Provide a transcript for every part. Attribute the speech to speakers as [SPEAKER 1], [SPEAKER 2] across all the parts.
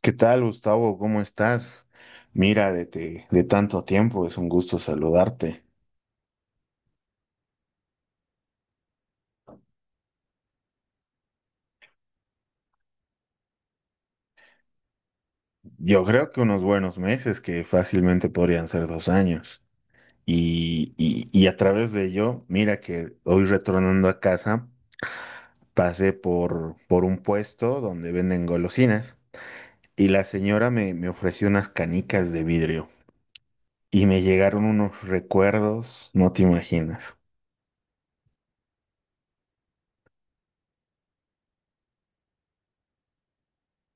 [SPEAKER 1] ¿Qué tal, Gustavo? ¿Cómo estás? Mira, de tanto tiempo, es un gusto saludarte. Yo creo que unos buenos meses, que fácilmente podrían ser 2 años. Y a través de ello, mira que hoy retornando a casa, pasé por un puesto donde venden golosinas y la señora me ofreció unas canicas de vidrio y me llegaron unos recuerdos, no te imaginas.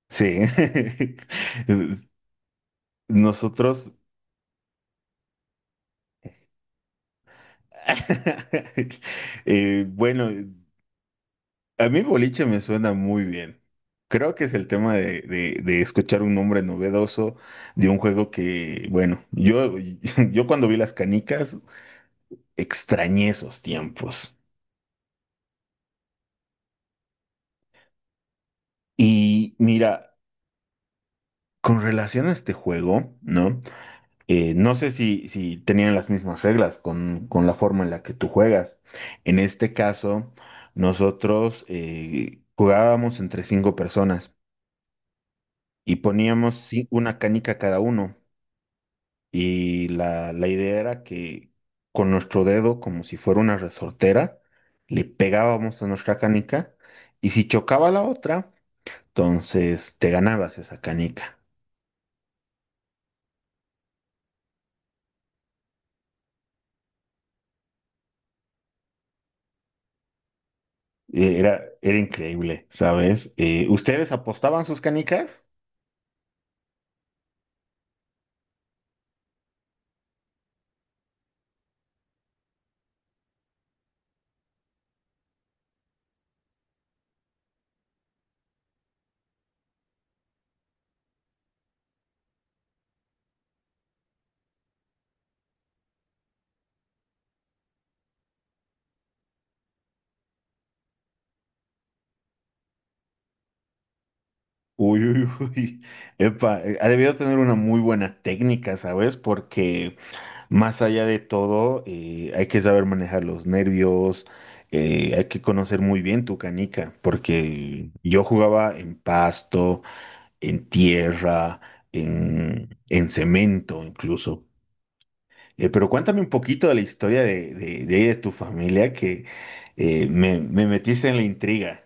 [SPEAKER 1] Sí. Nosotros. Bueno, a mí boliche me suena muy bien. Creo que es el tema de escuchar un nombre novedoso de un juego que, bueno, yo, yo cuando vi las canicas extrañé esos tiempos. Y mira, con relación a este juego, ¿no? No sé si tenían las mismas reglas con la forma en la que tú juegas. En este caso, nosotros jugábamos entre cinco personas y poníamos, sí, una canica cada uno. Y la idea era que con nuestro dedo, como si fuera una resortera, le pegábamos a nuestra canica, y si chocaba la otra, entonces te ganabas esa canica. Era increíble, ¿sabes? ¿Ustedes apostaban sus canicas? Uy, uy, uy. Epa, ha debido tener una muy buena técnica, ¿sabes? Porque, más allá de todo, hay que saber manejar los nervios, hay que conocer muy bien tu canica, porque yo jugaba en pasto, en tierra, en cemento incluso. Pero cuéntame un poquito de la historia de tu familia, que me metiste en la intriga.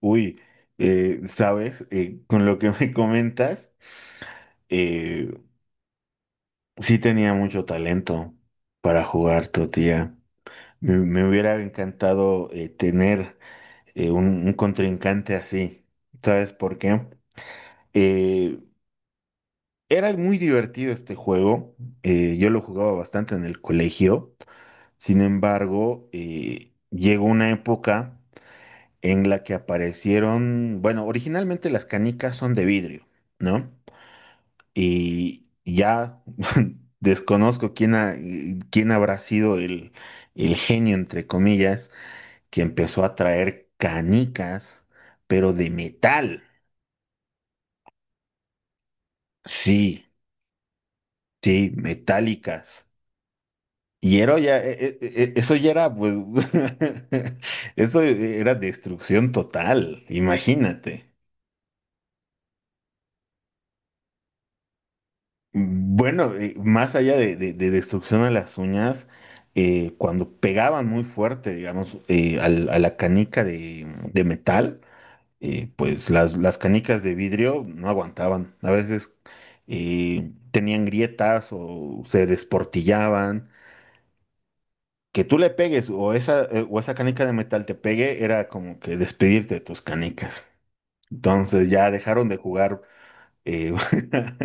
[SPEAKER 1] Uy, sabes, con lo que me comentas, eh, sí tenía mucho talento para jugar tu tía. Me hubiera encantado tener un contrincante así. ¿Sabes por qué? Eh, Era muy divertido este juego. Yo lo jugaba bastante en el colegio. Sin embargo, llegó una época en la que aparecieron, bueno, originalmente las canicas son de vidrio, ¿no? Y ya desconozco quién, quién habrá sido el genio, entre comillas, que empezó a traer canicas, pero de metal. Sí, sí, metálicas. Y era ya, eso ya era, pues, era destrucción total, imagínate. Bueno, más allá de destrucción a las uñas, cuando pegaban muy fuerte, digamos, a la canica de metal, pues las canicas de vidrio no aguantaban. A veces tenían grietas o se desportillaban. Que tú le pegues o esa canica de metal te pegue era como que despedirte de tus canicas. Entonces ya dejaron de jugar eh,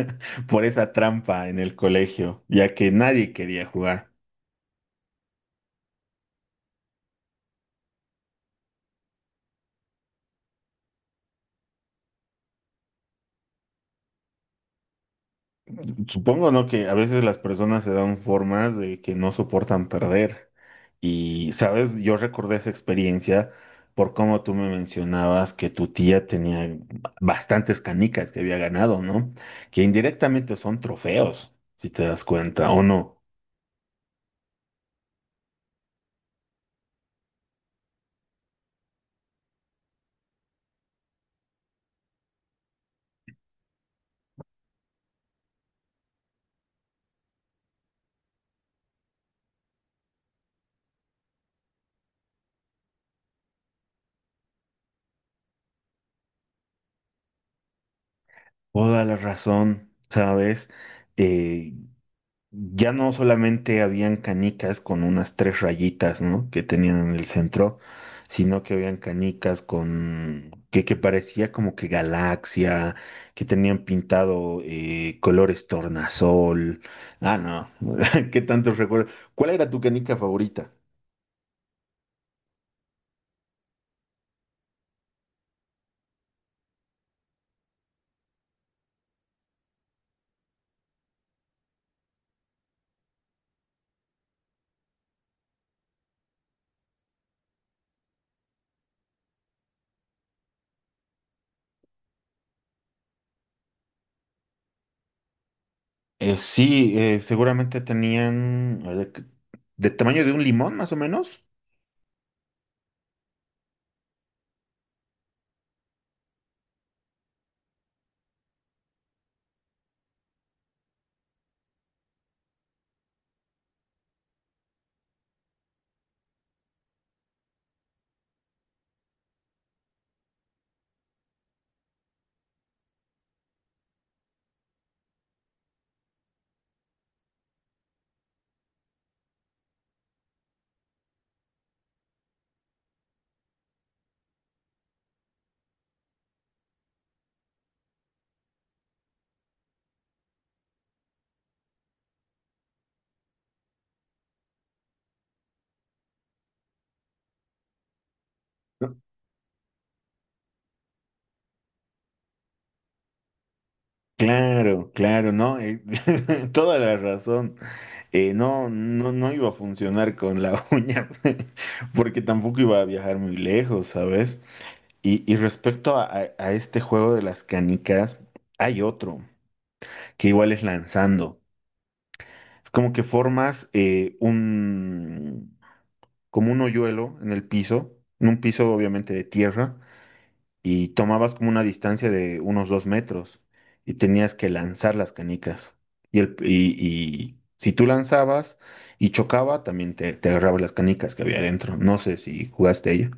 [SPEAKER 1] por esa trampa en el colegio, ya que nadie quería jugar. Supongo, ¿no? Que a veces las personas se dan formas de que no soportan perder. Y, ¿sabes?, yo recordé esa experiencia por cómo tú me mencionabas que tu tía tenía bastantes canicas que había ganado, ¿no? Que indirectamente son trofeos, si te das cuenta, ¿o no? Toda la razón, ¿sabes? Eh, Ya no solamente habían canicas con unas tres rayitas, ¿no?, que tenían en el centro, sino que habían canicas que parecía como que galaxia, que tenían pintado colores tornasol. Ah, no, qué tantos recuerdos. ¿Cuál era tu canica favorita? Sí, seguramente tenían, a ver, de tamaño de un limón, más o menos. Claro, claro, ¿no? Toda la razón. No, no, no iba a funcionar con la uña, porque tampoco iba a viajar muy lejos, ¿sabes? Y respecto a este juego de las canicas, hay otro que igual es lanzando. Es como que formas como un hoyuelo en el piso, en un piso obviamente de tierra, y tomabas como una distancia de unos 2 metros y tenías que lanzar las canicas. Y, el, y, y si tú lanzabas y chocaba, también te agarrabas las canicas que había adentro. No sé si jugaste a ello.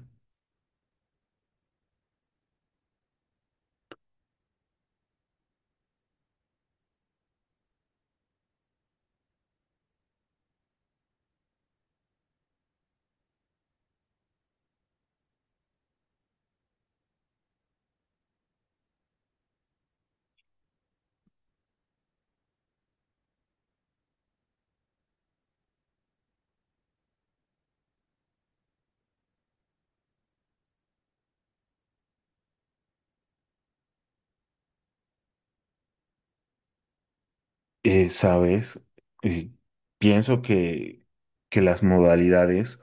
[SPEAKER 1] Sabes, Eh, pienso que las modalidades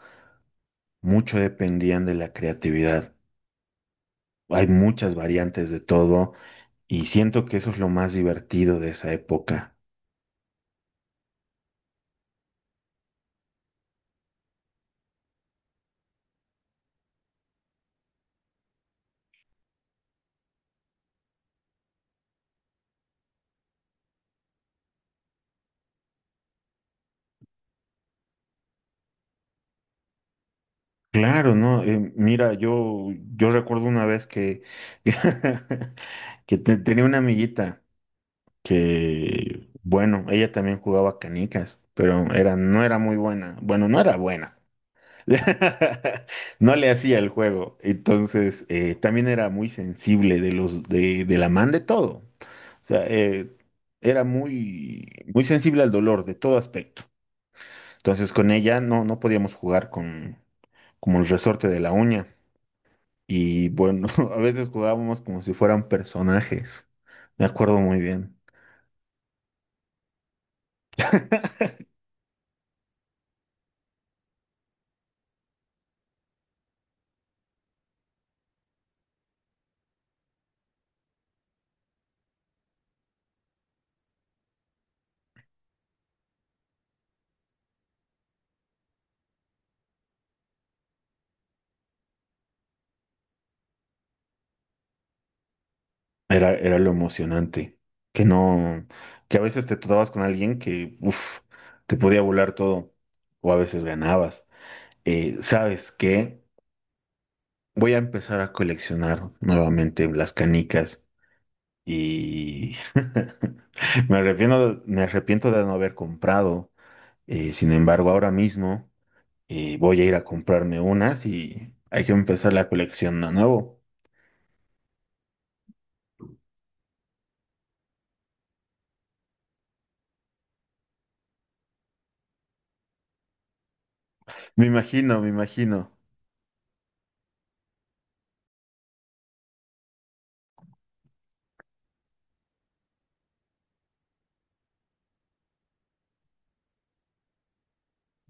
[SPEAKER 1] mucho dependían de la creatividad. Hay muchas variantes de todo, y siento que eso es lo más divertido de esa época. Claro, ¿no? Mira, yo recuerdo una vez que, tenía una amiguita que, bueno, ella también jugaba canicas, pero era, no era muy buena. Bueno, no era buena. No le hacía el juego. Entonces, también era muy sensible de los, de la man de todo. O sea, era muy, muy sensible al dolor de todo aspecto. Entonces, con ella no podíamos jugar como el resorte de la uña. Y bueno, a veces jugábamos como si fueran personajes. Me acuerdo muy bien. Era lo emocionante. Que no, que a veces te topabas con alguien que, uff, te podía volar todo. O a veces ganabas. ¿Sabes qué? Voy a empezar a coleccionar nuevamente las canicas. Y me arrepiento de no haber comprado. Sin embargo, ahora mismo y voy a ir a comprarme unas, y hay que empezar la colección de nuevo. Me imagino, me imagino.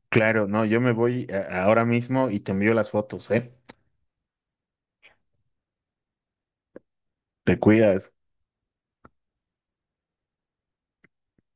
[SPEAKER 1] Claro, no, yo me ahora mismo y te envío las fotos, ¿eh? Te cuidas.